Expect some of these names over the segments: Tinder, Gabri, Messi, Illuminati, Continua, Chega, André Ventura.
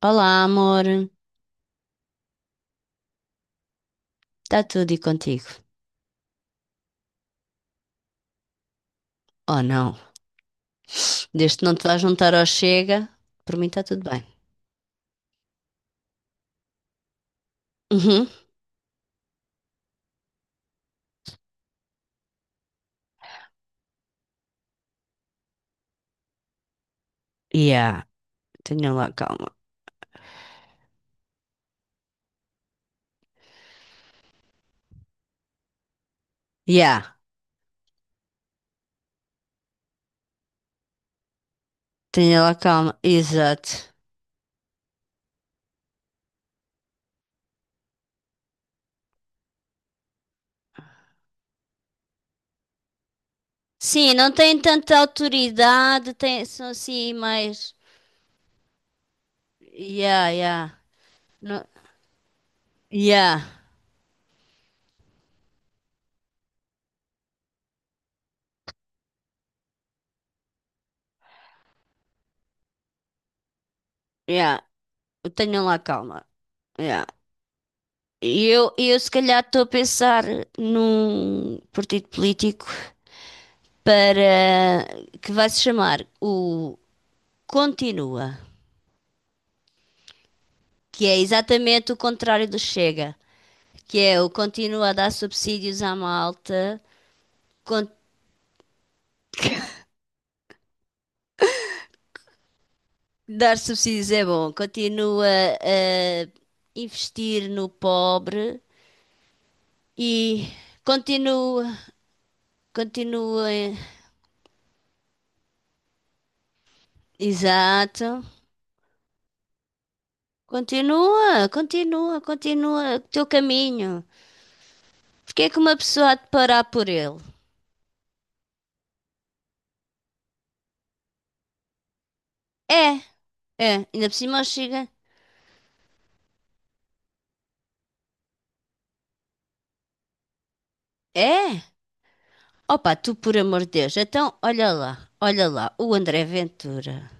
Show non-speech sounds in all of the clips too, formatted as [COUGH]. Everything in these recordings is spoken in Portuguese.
Olá, amor. Está tudo e contigo? Oh, não. Desde que não te vais juntar ao Chega, por mim está tudo bem. Uhum. Yeah, tenha lá calma. Yeah, tenha lá calma. Exato. Sim, não têm tanta autoridade, têm, são assim mais. Yeah, yeah. No. Yeah, yeah. Tenham lá calma. Yeah. E eu se calhar estou a pensar num partido político para que vai se chamar o Continua, que é exatamente o contrário do Chega, que é o continua a dar subsídios à malta, con- dar subsídios é bom, continua a investir no pobre e continua, continua, exato, continua, continua, continua o teu caminho. Porquê é que uma pessoa há de parar por ele? É, é, ainda por cima o Chega. É. Opa, tu por amor de Deus, então olha lá, o André Ventura.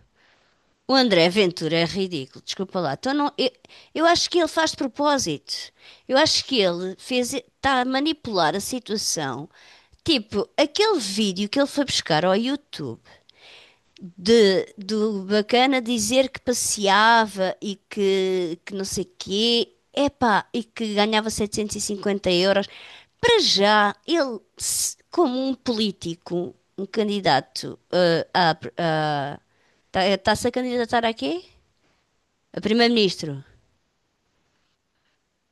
O André Ventura é ridículo, desculpa lá. Então não, eu acho que ele faz de propósito. Eu acho que ele fez, está a manipular a situação. Tipo, aquele vídeo que ele foi buscar ao YouTube de, do bacana dizer que passeava e que não sei quê, epá, e que ganhava 750 euros. Para já, ele, como um político, um candidato a está-se a candidatar a quê? A primeiro-ministro.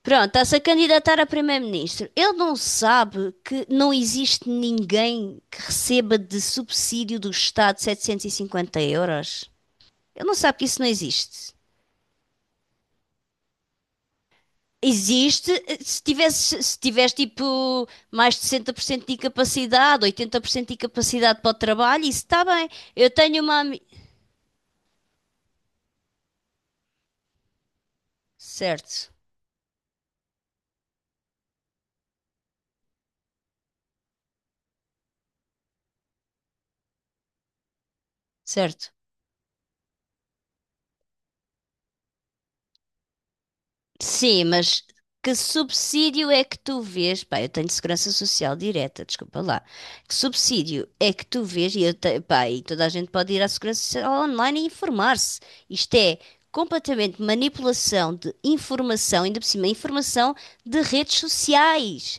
Pronto, está-se a candidatar a primeiro-ministro. Ele não sabe que não existe ninguém que receba de subsídio do Estado 750 euros. Ele não sabe que isso não existe. Existe se tiveres tipo mais de 60% de incapacidade, 80% de incapacidade para o trabalho, isso está bem. Eu tenho uma. Certo, certo. Sim, mas que subsídio é que tu vês? Pá, eu tenho segurança social direta, desculpa lá. Que subsídio é que tu vês? E, pá, e toda a gente pode ir à segurança social online e informar-se. Isto é completamente manipulação de informação, ainda por cima, informação de redes sociais.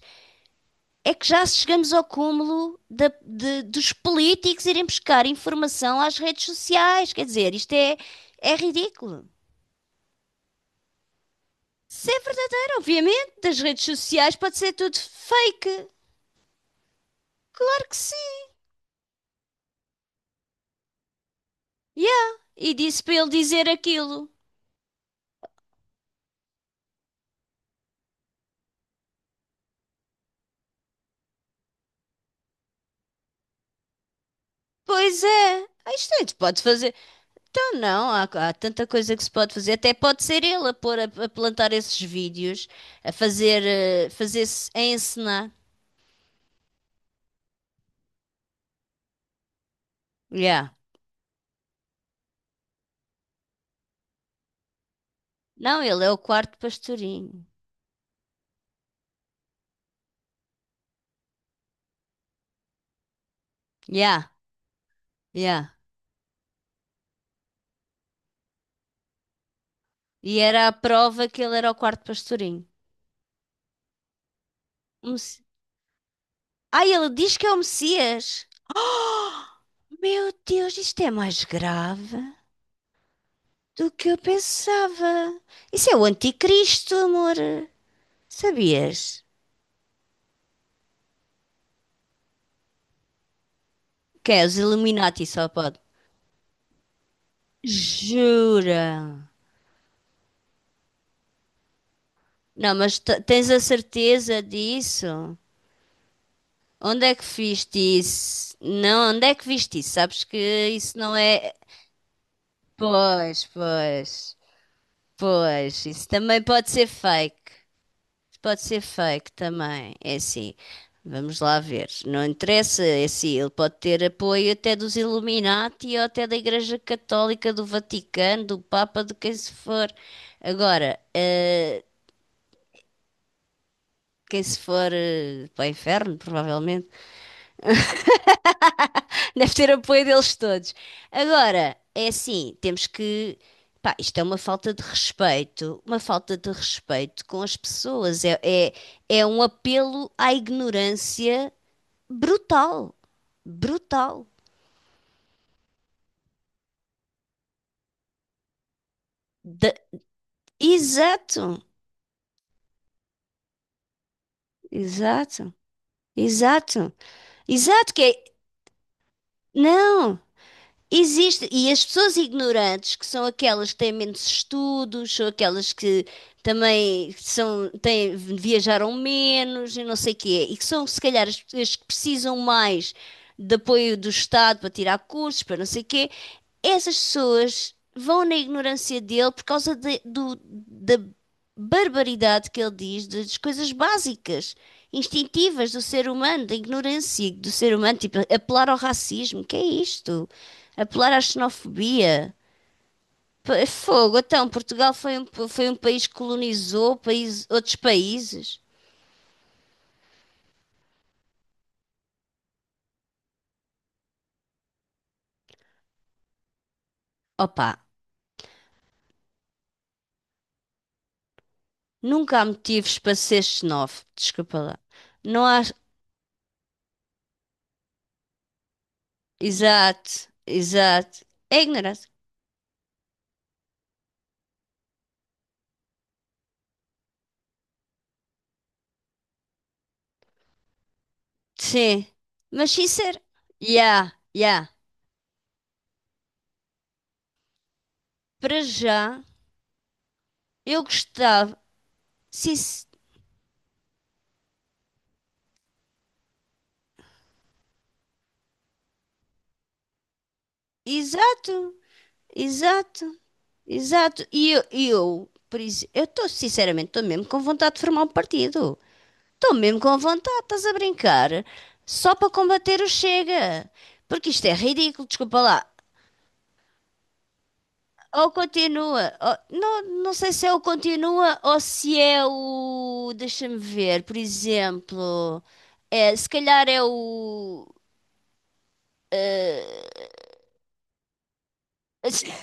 É que já chegamos ao cúmulo dos políticos irem buscar informação às redes sociais. Quer dizer, isto é ridículo. Se é verdadeiro, obviamente, das redes sociais pode ser tudo fake. Claro que sim. Yeah. E disse para ele dizer aquilo. Pois é. Ah, isto é, se pode fazer. Então não, há tanta coisa que se pode fazer. Até pode ser ele a pôr a plantar esses vídeos, a fazer, fazer-se, a encenar. Yeah. Não, ele é o quarto pastorinho. Yeah, yeah. E era a prova que ele era o quarto pastorinho. O Messi- Ah, ele diz que é o Messias. Meu Deus, isto é mais grave do que eu pensava. Isso é o anticristo, amor. Sabias? Que é os Illuminati só pode. Jura? Não, mas tens a certeza disso? Onde é que viste isso? Não, onde é que viste isso? Sabes que isso não é. Pois, pois, pois. Isso também pode ser fake. Pode ser fake também, é assim. Vamos lá ver. Não interessa, é assim, ele pode ter apoio até dos Illuminati ou até da Igreja Católica, do Vaticano, do Papa, de quem se for. Agora, quem se for para o inferno, provavelmente, [LAUGHS] deve ter apoio deles todos. Agora, é assim, temos que. Pá, isto é uma falta de respeito, uma falta de respeito com as pessoas. É um apelo à ignorância brutal, brutal. De- exato, exato, exato, exato, que é, não, existe, e as pessoas ignorantes, que são aquelas que têm menos estudos, são aquelas que também são, têm, viajaram menos e não sei o quê, e que são, se calhar, as pessoas que precisam mais de apoio do Estado para tirar cursos, para não sei o quê, essas pessoas vão na ignorância dele por causa da barbaridade que ele diz das coisas básicas, instintivas do ser humano, da ignorância do ser humano, tipo apelar ao racismo, que é isto? Apelar à xenofobia. Fogo, então, Portugal foi foi um país que colonizou outros países. Opa, nunca há motivos para ser xenófobo, desculpa lá. Não há. Exato, exato. É ignorante. Sim, mas sincero. Ya, ya. Para já, eu gostava. Sim, exato, exato, exato. E eu por isso, eu estou, sinceramente, estou mesmo com vontade de formar um partido. Estou mesmo com vontade, estás a brincar? Só para combater o Chega. Porque isto é ridículo, desculpa lá. Ou continua, não, não sei se é o continua ou se é o. Deixa-me ver, por exemplo. É, se calhar é o. eh,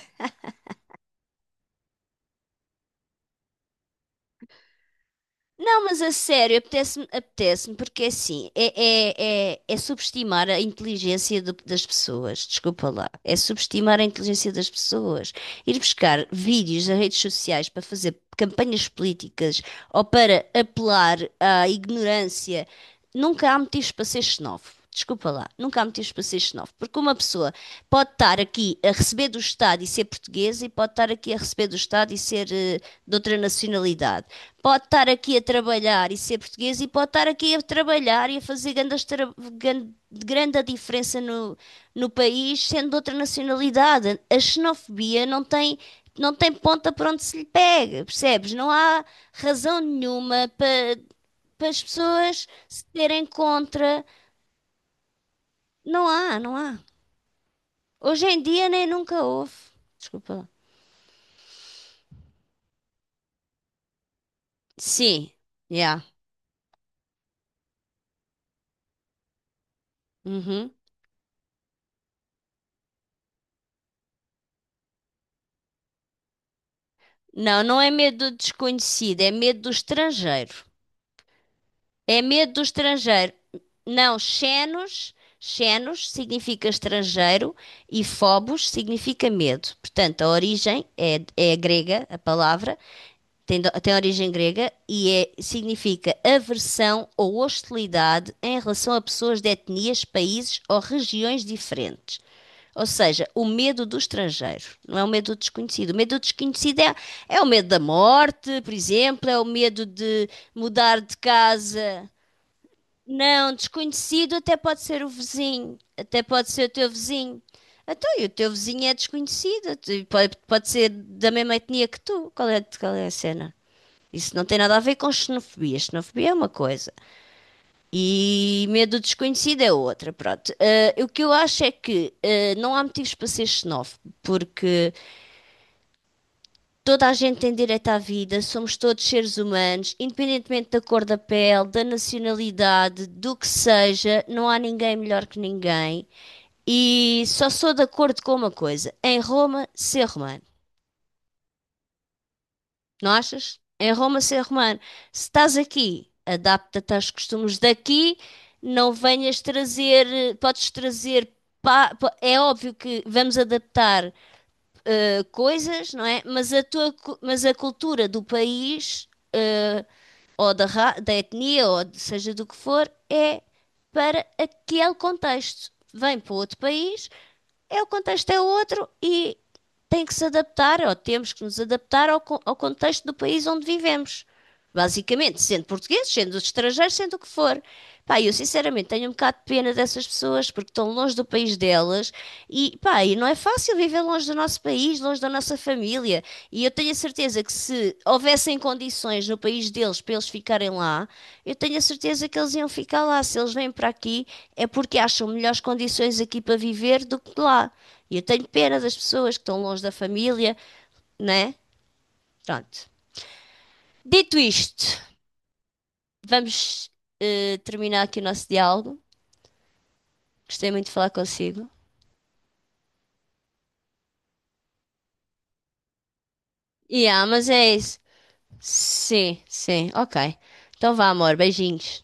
Não, mas a sério, apetece-me, apetece-me, porque assim, é subestimar a inteligência das pessoas, desculpa lá, é subestimar a inteligência das pessoas. Ir buscar vídeos a redes sociais para fazer campanhas políticas ou para apelar à ignorância, nunca há motivos para ser xenófobo, desculpa lá, nunca há motivos para ser xenófobo, porque uma pessoa pode estar aqui a receber do Estado e ser portuguesa, e pode estar aqui a receber do Estado e ser de outra nacionalidade. Pode estar aqui a trabalhar e ser portuguesa, e pode estar aqui a trabalhar e a fazer grande a diferença no país, sendo de outra nacionalidade. A xenofobia não tem ponta para onde se lhe pega, percebes? Não há razão nenhuma para, para as pessoas se terem contra. Não há, não há. Hoje em dia nem nunca houve. Desculpa lá. Sim, yeah. Uhum. Não, não é medo do desconhecido, é medo do estrangeiro. É medo do estrangeiro. Não, xenos significa estrangeiro e phobos significa medo. Portanto, a origem é grega, a palavra, tem, tem origem grega e significa aversão ou hostilidade em relação a pessoas de etnias, países ou regiões diferentes. Ou seja, o medo do estrangeiro, não é o medo do desconhecido. O medo do desconhecido é, é o medo da morte, por exemplo, é o medo de mudar de casa. Não, desconhecido até pode ser o vizinho, até pode ser o teu vizinho. Então, e o teu vizinho é desconhecido, pode, pode ser da mesma etnia que tu. Qual é a cena? Isso não tem nada a ver com xenofobia. Xenofobia é uma coisa e medo desconhecido é outra. Pronto. O que eu acho é que não há motivos para ser xenófobo, porque toda a gente tem direito à vida, somos todos seres humanos, independentemente da cor da pele, da nacionalidade, do que seja, não há ninguém melhor que ninguém. E só sou de acordo com uma coisa: em Roma, ser romano. Não achas? Em Roma, ser romano. Se estás aqui, adapta-te aos costumes daqui, não venhas trazer, podes trazer. É óbvio que vamos adaptar coisas, não é? Mas a tua, mas a cultura do país, ou da, da etnia, ou seja do que for, é para aquele contexto. Vem para outro país é o contexto é outro e tem que se adaptar, ou temos que nos adaptar ao contexto do país onde vivemos. Basicamente, sendo portugueses, sendo estrangeiros, sendo o que for. Pá, eu sinceramente tenho um bocado de pena dessas pessoas porque estão longe do país delas e, pá, e não é fácil viver longe do nosso país, longe da nossa família. E eu tenho a certeza que se houvessem condições no país deles para eles ficarem lá, eu tenho a certeza que eles iam ficar lá. Se eles vêm para aqui, é porque acham melhores condições aqui para viver do que lá. E eu tenho pena das pessoas que estão longe da família, né? Pronto. Dito isto, vamos terminar aqui o nosso diálogo. Gostei muito de falar consigo. E mas é isso. Sim, sim, ok. Então vá, amor, beijinhos.